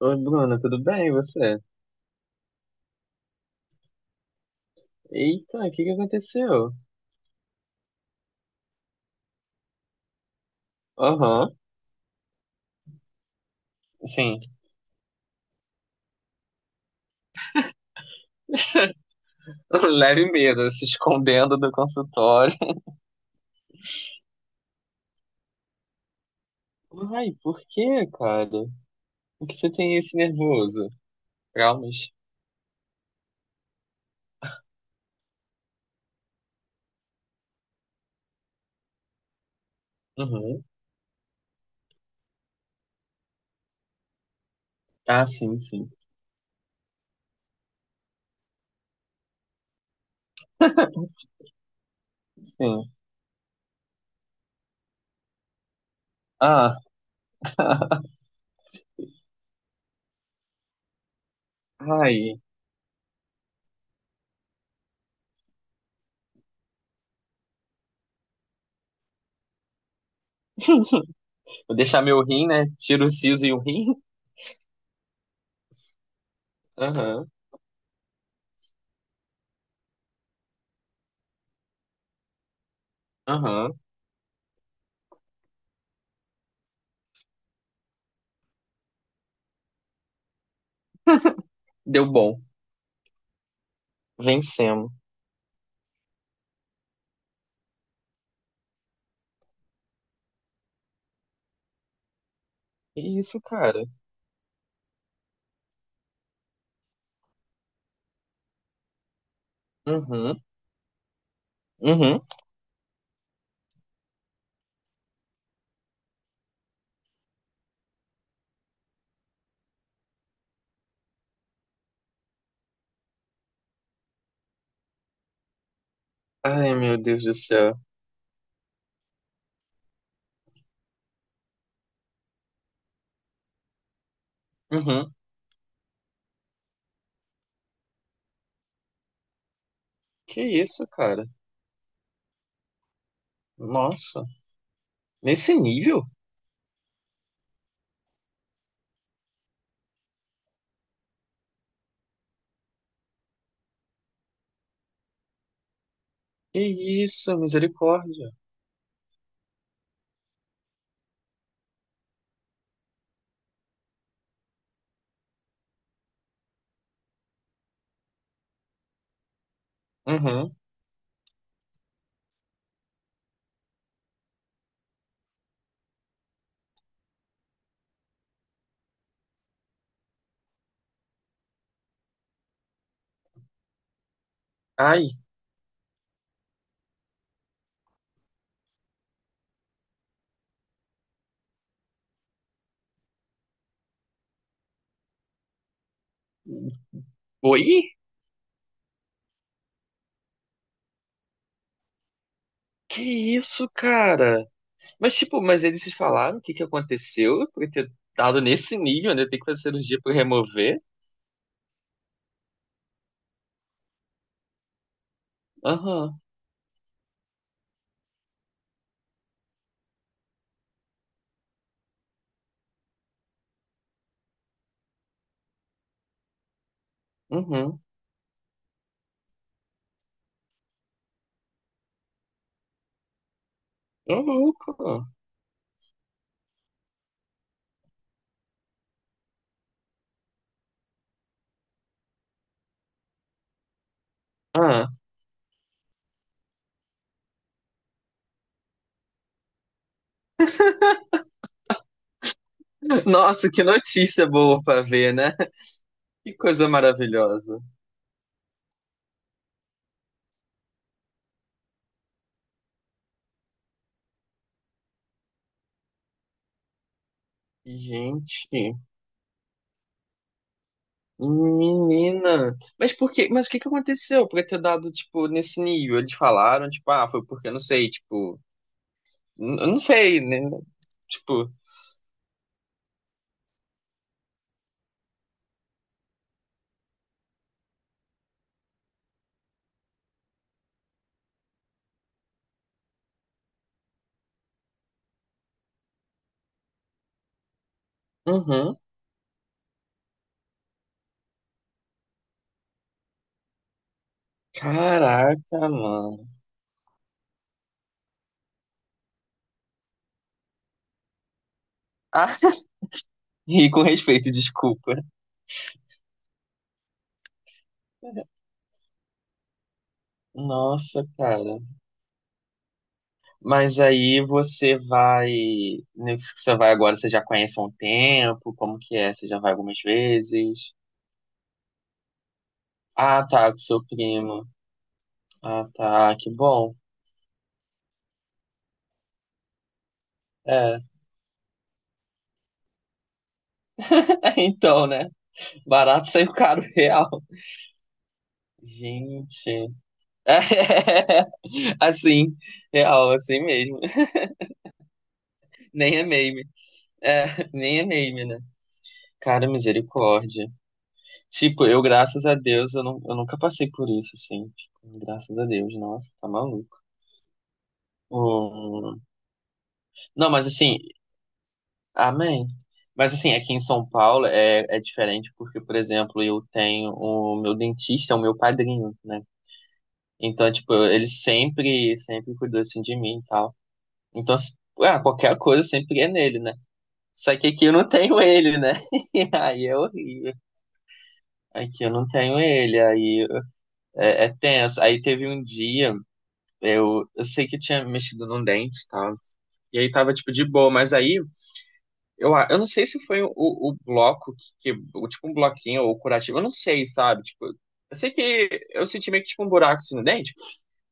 Oi, Bruna, tudo bem? E você? Eita, o que que aconteceu? Aham, sim. Leve medo, se escondendo do consultório. Ai, por que, cara? Por que você tem esse nervoso? Traumas? Uhum. Ah, sim, sim. Sim. Ah, ai. Vou deixar meu rim, né? Tiro o siso e o rim. Aham, aham. Deu bom. Vencemos. Que isso, cara? Uhum, uhum. Ai, meu Deus do céu. Uhum. Que isso, cara? Nossa, nesse nível? Que isso, misericórdia. Uhum. Ai. Oi? Que isso, cara? Mas, tipo, mas eles se falaram o que que aconteceu por ter dado nesse nível, né? Tem que fazer cirurgia pra remover? Aham, uhum. Tô louco. Ah. Nossa, que notícia boa pra ver, né? Que coisa maravilhosa. Gente. Menina, mas por quê? Mas o que que aconteceu pra ter dado, tipo, nesse nível? Eles falaram, tipo, ah, foi porque, eu não sei, tipo, eu não sei, né? Tipo, uhum. Caraca, mano. Ah, e com respeito, desculpa. Nossa, cara. Mas aí você vai, Nesse que você vai agora, você já conhece há um tempo? Como que é? Você já vai algumas vezes? Ah, tá, com seu primo. Ah, tá, que bom. É, então, né? Barato saiu caro, real. Gente. É, assim, real, assim mesmo. Nem é meme. É, nem é meme, né? Cara, misericórdia. Tipo, eu, graças a Deus, eu, não, eu nunca passei por isso, assim. Tipo, graças a Deus, nossa, tá maluco. Hum. Não, mas assim, amém. Mas assim, aqui em São Paulo é, diferente porque, por exemplo, eu tenho o meu dentista, é o meu padrinho, né? Então, tipo, ele sempre, sempre cuidou assim de mim e tal. Então, ah, qualquer coisa sempre é nele, né? Só que aqui eu não tenho ele, né? Aí é horrível. Aqui eu não tenho ele, aí é, tenso. Aí teve um dia, eu sei que eu tinha mexido num dente e tal. E aí tava, tipo, de boa, mas aí eu não sei se foi o bloco que, tipo, um bloquinho ou curativo, eu não sei, sabe? Tipo, eu sei que eu senti meio que, tipo, um buraco assim no dente,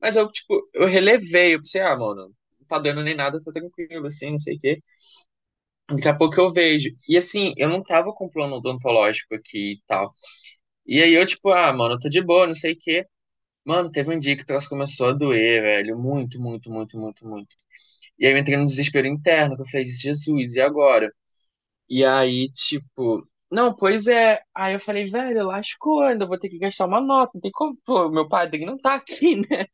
mas eu, tipo, eu relevei, eu pensei, ah, mano, não tá doendo nem nada, tá tranquilo, assim, não sei o quê. Daqui a pouco eu vejo. E assim, eu não tava com plano odontológico aqui e tal. E aí eu, tipo, ah, mano, eu tô de boa, não sei o quê. Mano, teve um dia que o troço começou a doer, velho. Muito, muito, muito, muito, muito. E aí eu entrei num desespero interno, que eu falei, Jesus, e agora? E aí, tipo, não, pois é. Aí eu falei, velho, lascou, ainda vou ter que gastar uma nota. Não tem como, pô, meu padrinho não tá aqui, né?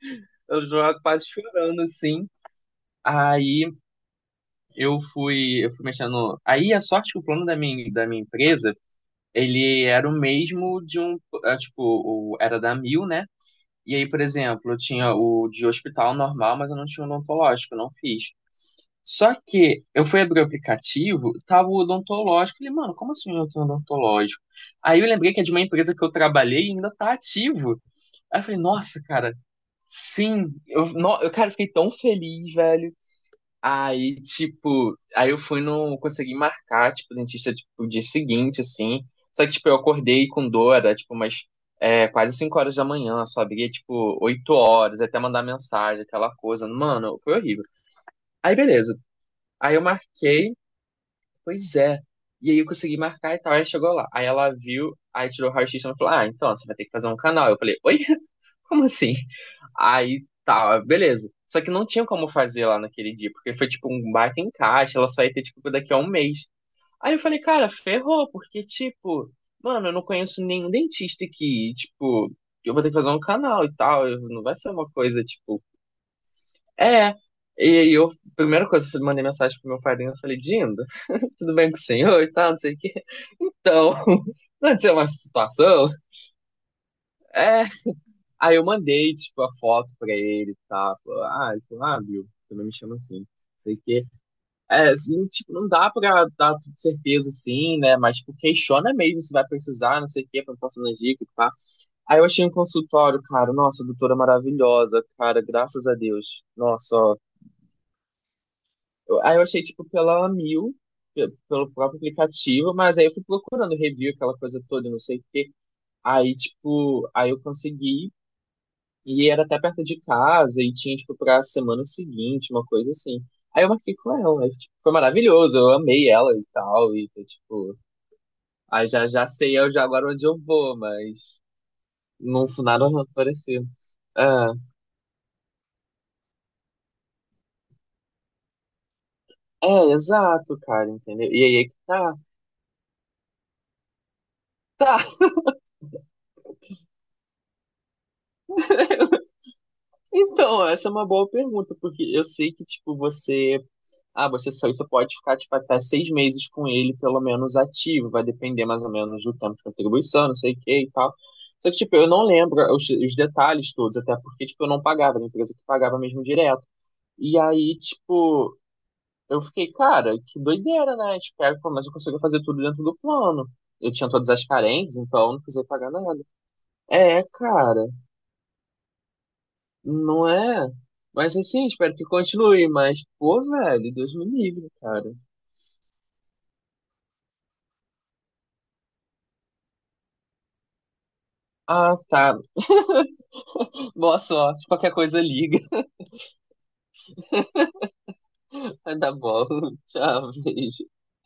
Eu já quase chorando, assim. Aí eu fui mexendo. Aí a sorte que o plano da minha empresa. Ele era o mesmo de um, tipo, era da Mil, né? E aí, por exemplo, eu tinha o de hospital normal, mas eu não tinha odontológico, eu não fiz. Só que eu fui abrir o aplicativo, tava o odontológico. Falei, mano, como assim eu não tenho odontológico? Aí eu lembrei que é de uma empresa que eu trabalhei e ainda tá ativo. Aí eu falei, nossa, cara, sim. Eu, no, eu, cara, fiquei tão feliz, velho. Aí, tipo, aí eu fui no, consegui marcar, tipo, dentista, tipo, o dia seguinte, assim. Só que, tipo, eu acordei com dor, era, tipo, umas quase 5 horas da manhã, só abria, tipo, 8 horas, até mandar mensagem, aquela coisa. Mano, foi horrível. Aí, beleza. Aí eu marquei, pois é. E aí eu consegui marcar e tal, aí chegou lá. Aí ela viu, aí tirou o raio-x e ela falou, ah, então, você vai ter que fazer um canal. Eu falei, oi? Como assim? Aí tá, beleza. Só que não tinha como fazer lá naquele dia, porque foi tipo um baita encaixe, ela só ia ter tipo daqui a um mês. Aí eu falei, cara, ferrou, porque tipo, mano, eu não conheço nenhum dentista que, tipo, eu vou ter que fazer um canal e tal, não vai ser uma coisa, tipo, é. E aí eu, primeira coisa, eu mandei mensagem pro meu padrinho, eu falei, Dindo, tudo bem com o senhor e tal, não sei o quê. Então, não aconteceu uma situação? É. Aí eu mandei, tipo, a foto pra ele e tal. Falou, ah, ele falou, ah, viu, também me chama assim, não sei o quê. É, assim, tipo, não dá pra dar tudo certeza assim, né? Mas, tipo, questiona mesmo se vai precisar, não sei o quê, pra passando as dicas e pá. Aí eu achei um consultório, cara, nossa, doutora maravilhosa, cara, graças a Deus. Nossa, aí eu achei, tipo, pela Mil, pelo próprio aplicativo, mas aí eu fui procurando review, aquela coisa toda, não sei o quê. Aí, tipo, aí eu consegui, e era até perto de casa, e tinha, tipo, pra semana seguinte, uma coisa assim. Aí eu marquei com ela, aí, tipo, foi maravilhoso, eu amei ela e tal, e, tô, tipo, aí já, já sei eu já agora onde eu vou, mas não foi nada parecido. É, é, exato, cara, entendeu? E aí é que tá. Tá. Então, essa é uma boa pergunta, porque eu sei que, tipo, você. Ah, você saiu, você pode ficar, tipo, até 6 meses com ele, pelo menos ativo, vai depender mais ou menos do tempo de contribuição, não sei o que e tal. Só que, tipo, eu não lembro os detalhes todos, até porque, tipo, eu não pagava, era a empresa que pagava mesmo direto. E aí, tipo, eu fiquei, cara, que doideira, né? Espero que pelo menos eu consiga fazer tudo dentro do plano. Eu tinha todas as carências, então eu não precisei pagar nada. É, cara. Não é? Mas assim, espero que continue. Mas, pô, velho, Deus me livre, cara. Ah, tá. Boa sorte. Qualquer coisa, liga. Vai dar bola. Tchau, beijo.